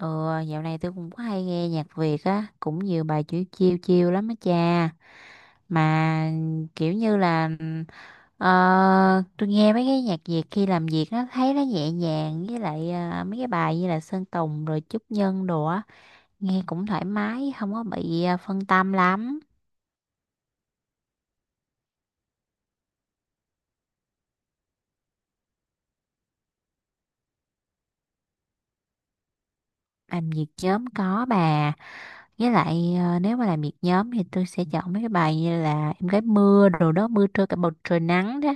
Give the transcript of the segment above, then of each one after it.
Ừ, dạo này tôi cũng có hay nghe nhạc Việt á, cũng nhiều bài chữ chiêu chiêu lắm á cha. Mà kiểu như là ờ, tôi nghe mấy cái nhạc Việt khi làm việc nó thấy nó nhẹ nhàng với lại mấy cái bài như là Sơn Tùng rồi Trúc Nhân đồ á, nghe cũng thoải mái, không có bị phân tâm lắm. Làm việc nhóm có bà. Với lại nếu mà làm việc nhóm thì tôi sẽ chọn mấy cái bài như là Em gái mưa đồ đó mưa trưa cả bầu trời nắng đó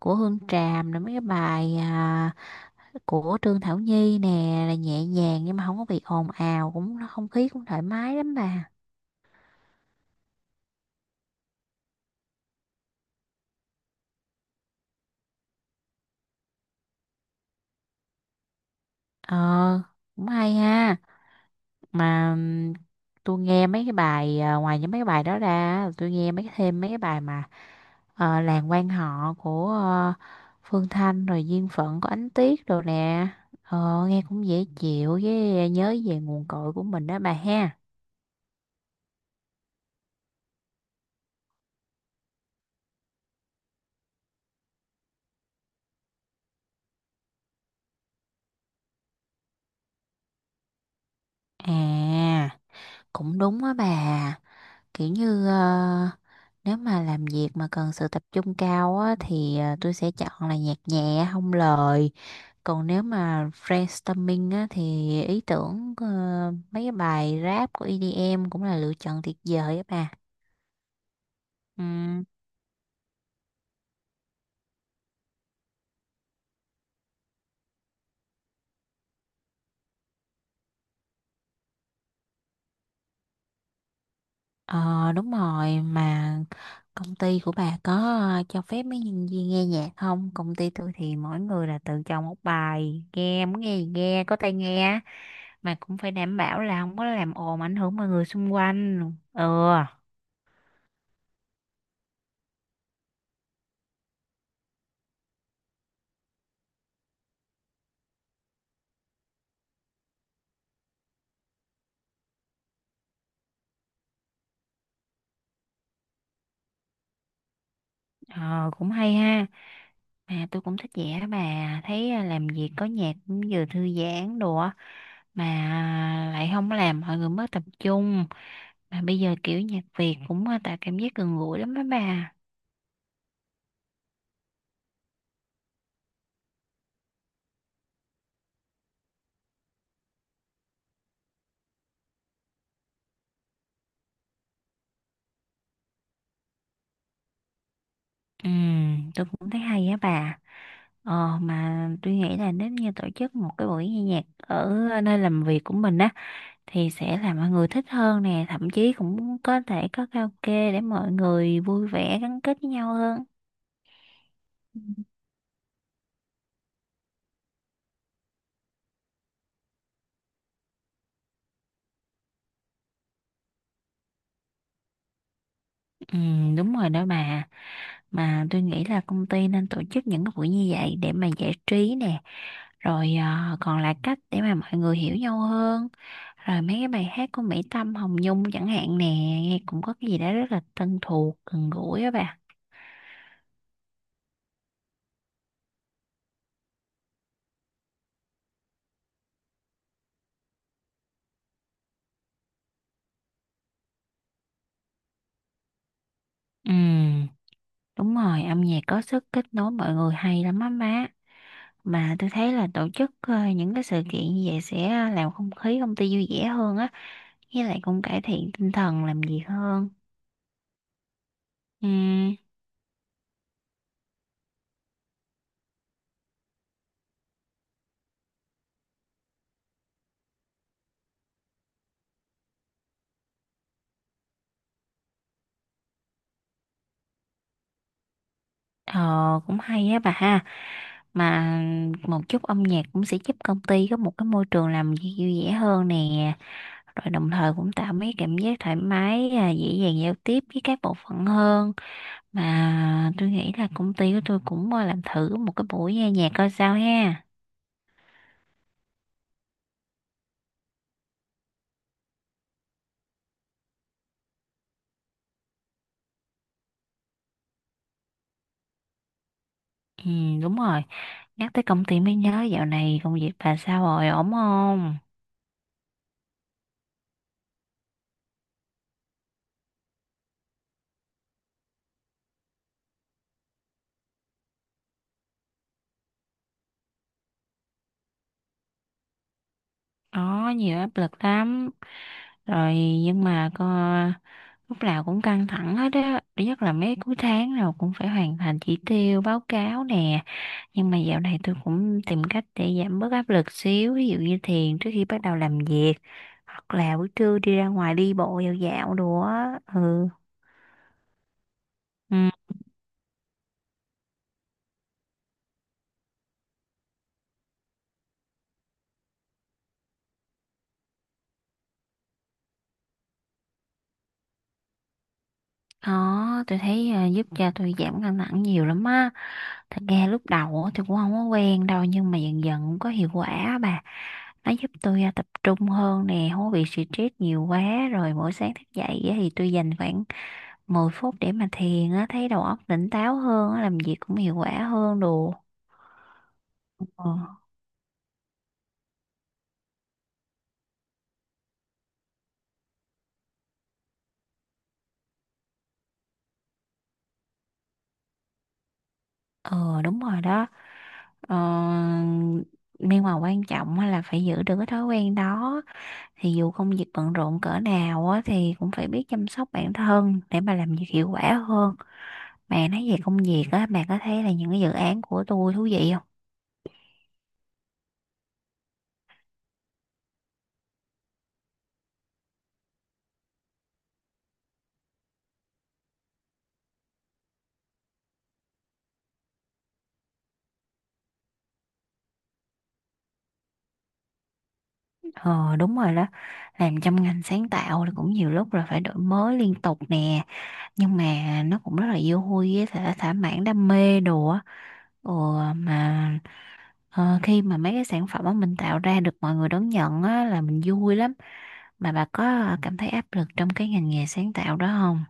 của Hương Tràm rồi mấy cái bài của Trương Thảo Nhi nè là nhẹ nhàng nhưng mà không có bị ồn ào cũng không khí cũng thoải mái lắm bà. Ờ, cũng hay ha. Mà tôi nghe mấy cái bài ngoài những mấy cái bài đó ra tôi nghe mấy thêm mấy cái bài mà làng quan họ của Phương Thanh rồi duyên phận của Ánh Tuyết đồ nè. Nghe cũng dễ chịu với nhớ về nguồn cội của mình đó bà ha. À, cũng đúng á bà. Kiểu như nếu mà làm việc mà cần sự tập trung cao á thì tôi sẽ chọn là nhạc nhẹ không lời. Còn nếu mà brainstorming á thì ý tưởng mấy cái bài rap của EDM cũng là lựa chọn tuyệt vời á bà. Ờ, đúng rồi. Mà công ty của bà có cho phép mấy nhân viên nghe nhạc không? Công ty tôi thì mỗi người là tự chọn một bài nghe muốn nghe gì nghe có tai nghe mà cũng phải đảm bảo là không có làm ồn ảnh hưởng mọi người xung quanh. Ừ. ờ, Cũng hay ha. Mà tôi cũng thích vẽ đó bà. Thấy làm việc có nhạc cũng vừa thư giãn đồ á, mà lại không làm mọi người mất tập trung. Mà bây giờ kiểu nhạc Việt cũng tạo cảm giác gần gũi lắm đó bà. Ừ, tôi cũng thấy hay á bà. Ờ, mà tôi nghĩ là nếu như tổ chức một cái buổi nghe nhạc ở nơi làm việc của mình á thì sẽ làm mọi người thích hơn nè, thậm chí cũng có thể có karaoke để mọi người vui vẻ gắn kết với nhau hơn. Ừ, đúng rồi đó bà. Mà tôi nghĩ là công ty nên tổ chức những cái buổi như vậy để mà giải trí nè, rồi còn là cách để mà mọi người hiểu nhau hơn. Rồi mấy cái bài hát của Mỹ Tâm Hồng Nhung chẳng hạn nè nghe cũng có cái gì đó rất là thân thuộc gần gũi á bà. Ừ, đúng rồi. Âm nhạc có sức kết nối mọi người hay lắm á má. Mà tôi thấy là tổ chức những cái sự kiện như vậy sẽ làm không khí công ty vui vẻ hơn á, với lại cũng cải thiện tinh thần làm việc hơn. Ừ. Ờ, cũng hay á bà ha. Mà một chút âm nhạc cũng sẽ giúp công ty có một cái môi trường làm việc vui vẻ hơn nè. Rồi đồng thời cũng tạo mấy cảm giác thoải mái, dễ dàng giao tiếp với các bộ phận hơn. Mà tôi nghĩ là công ty của tôi cũng làm thử một cái buổi nghe nhạc coi sao ha. Ừ, đúng rồi. Nhắc tới công ty mới nhớ dạo này công việc bà sao rồi, ổn không? Có nhiều áp lực lắm. Rồi nhưng mà coi lúc nào cũng căng thẳng hết á, nhất là mấy cuối tháng nào cũng phải hoàn thành chỉ tiêu báo cáo nè. Nhưng mà dạo này tôi cũng tìm cách để giảm bớt áp lực xíu, ví dụ như thiền trước khi bắt đầu làm việc hoặc là buổi trưa đi ra ngoài đi bộ dạo dạo đồ á. Ừ. Ừ, đó tôi thấy giúp cho tôi giảm căng thẳng nhiều lắm á. Thật ra lúc đầu á, thì cũng không có quen đâu nhưng mà dần dần cũng có hiệu quả á bà. Nó giúp tôi tập trung hơn nè, không có bị stress nhiều quá. Rồi mỗi sáng thức dậy á, thì tôi dành khoảng 10 phút để mà thiền á, thấy đầu óc tỉnh táo hơn á, làm việc cũng hiệu quả hơn đồ. ờ, ờ, đúng rồi đó. ờ, nhưng mà quan trọng á là phải giữ được cái thói quen đó, thì dù công việc bận rộn cỡ nào á thì cũng phải biết chăm sóc bản thân để mà làm việc hiệu quả hơn. Mà nói về công việc á, bạn có thấy là những cái dự án của tôi thú vị không? Ờ, đúng rồi đó. Làm trong ngành sáng tạo thì cũng nhiều lúc là phải đổi mới liên tục nè, nhưng mà nó cũng rất là vô vui với thả thỏa mãn đam mê đồ á. Ừ, mà khi mà mấy cái sản phẩm mà mình tạo ra được mọi người đón nhận á là mình vui lắm. Mà bà có cảm thấy áp lực trong cái ngành nghề sáng tạo đó không?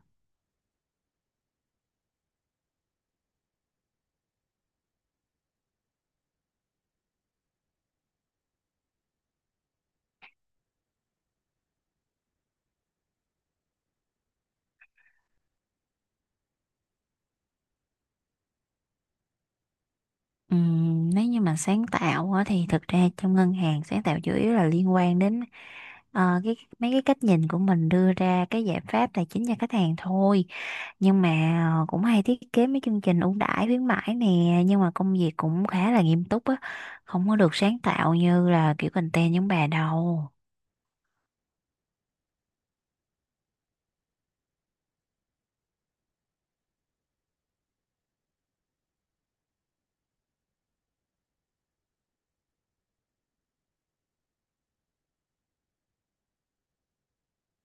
Nếu như mà sáng tạo á, thì thực ra trong ngân hàng sáng tạo chủ yếu là liên quan đến cái mấy cái cách nhìn của mình đưa ra cái giải pháp tài chính cho khách hàng thôi. Nhưng mà cũng hay thiết kế mấy chương trình ưu đãi khuyến mãi nè. Nhưng mà công việc cũng khá là nghiêm túc á, không có được sáng tạo như là kiểu content giống bà đâu.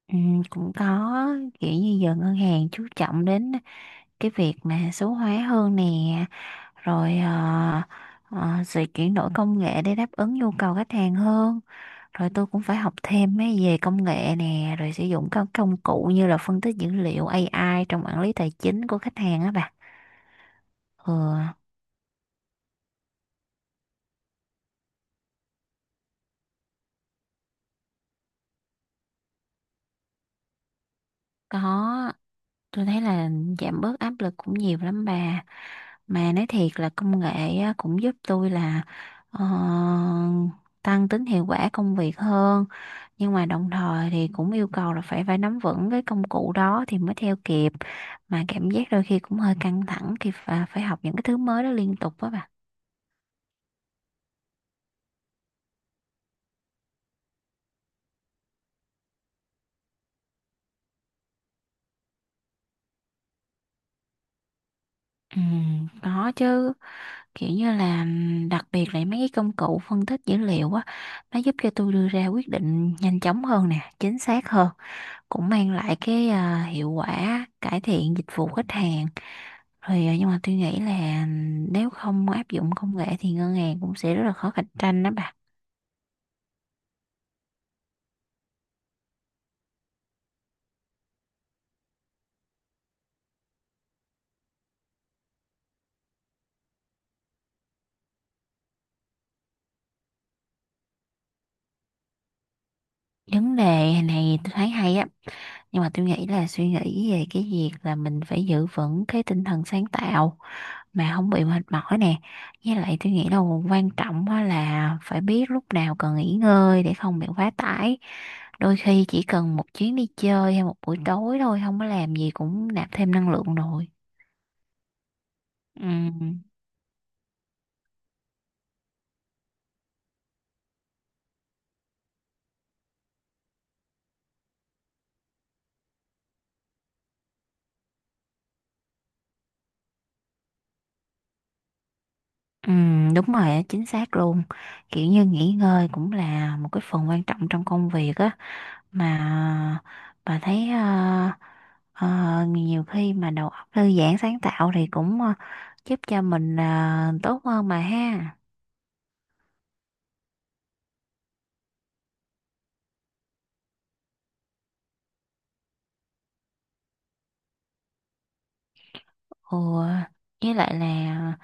Ừ, cũng có. Kiểu như giờ ngân hàng chú trọng đến cái việc mà số hóa hơn nè, rồi sự chuyển đổi công nghệ để đáp ứng nhu cầu khách hàng hơn. Rồi tôi cũng phải học thêm mấy về công nghệ nè, rồi sử dụng các công cụ như là phân tích dữ liệu AI trong quản lý tài chính của khách hàng á bà. Ừ. Có, tôi thấy là giảm bớt áp lực cũng nhiều lắm bà. Mà nói thiệt là công nghệ á, cũng giúp tôi là ờ, tăng tính hiệu quả công việc hơn. Nhưng mà đồng thời thì cũng yêu cầu là phải phải nắm vững cái công cụ đó thì mới theo kịp. Mà cảm giác đôi khi cũng hơi căng thẳng khi phải học những cái thứ mới đó liên tục đó bà. Ừ, có chứ. Kiểu như là đặc biệt là mấy cái công cụ phân tích dữ liệu á, nó giúp cho tôi đưa ra quyết định nhanh chóng hơn nè, chính xác hơn, cũng mang lại cái hiệu quả cải thiện dịch vụ khách hàng. Rồi nhưng mà tôi nghĩ là nếu không áp dụng công nghệ thì ngân hàng cũng sẽ rất là khó cạnh tranh đó bà. Vấn đề này tôi thấy hay á, nhưng mà tôi nghĩ là suy nghĩ về cái việc là mình phải giữ vững cái tinh thần sáng tạo mà không bị mệt mỏi nè. Với lại tôi nghĩ là quan trọng á là phải biết lúc nào cần nghỉ ngơi để không bị quá tải. Đôi khi chỉ cần một chuyến đi chơi hay một buổi tối thôi không có làm gì cũng nạp thêm năng lượng rồi. Ừ, ừ, đúng rồi, á, chính xác luôn. Kiểu như nghỉ ngơi cũng là một cái phần quan trọng trong công việc á. Mà bà thấy ờ, nhiều khi mà đầu óc thư giãn sáng tạo thì cũng giúp cho mình tốt hơn mà ha. Ồ, với lại là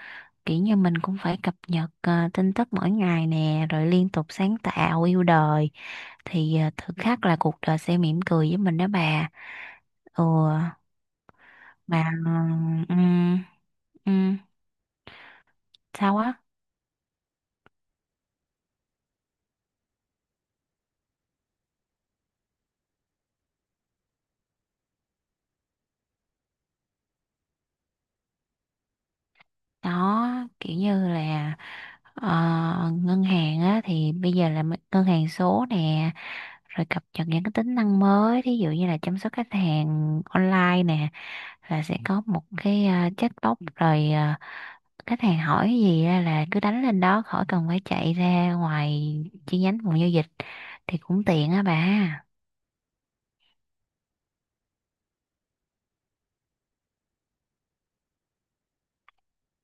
kiểu như mình cũng phải cập nhật tin tức mỗi ngày nè, rồi liên tục sáng tạo yêu đời thì thực khắc là cuộc đời sẽ mỉm cười với mình đó bà. Ồ. Mà ừ, ừ, sao á? Đó, kiểu như là ờ, ngân hàng á thì bây giờ là ngân hàng số nè, rồi cập nhật những cái tính năng mới, thí dụ như là chăm sóc khách hàng online nè, là sẽ có một cái chatbot. Rồi khách hàng hỏi cái gì ra là cứ đánh lên đó khỏi cần phải chạy ra ngoài chi nhánh phòng giao dịch thì cũng tiện á bà.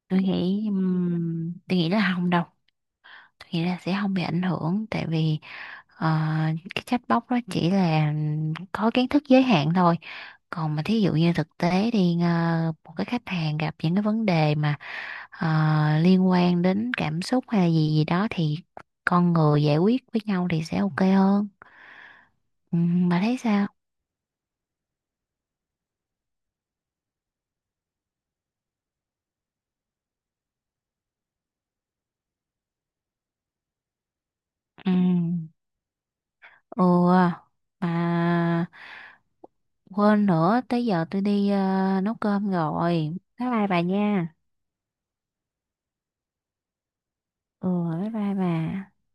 Tôi nghĩ là không đâu. Nghĩ là sẽ không bị ảnh hưởng tại vì ờ, cái chatbot đó chỉ là có kiến thức giới hạn thôi. Còn mà thí dụ như thực tế đi một cái khách hàng gặp những cái vấn đề mà ờ, liên quan đến cảm xúc hay là gì gì đó thì con người giải quyết với nhau thì sẽ ok hơn. Ừ, bà thấy sao? Ừ. Ừ, mà quên nữa tới giờ tôi đi nấu cơm rồi. Bye bye bà nha. Ừ, bye bye bà.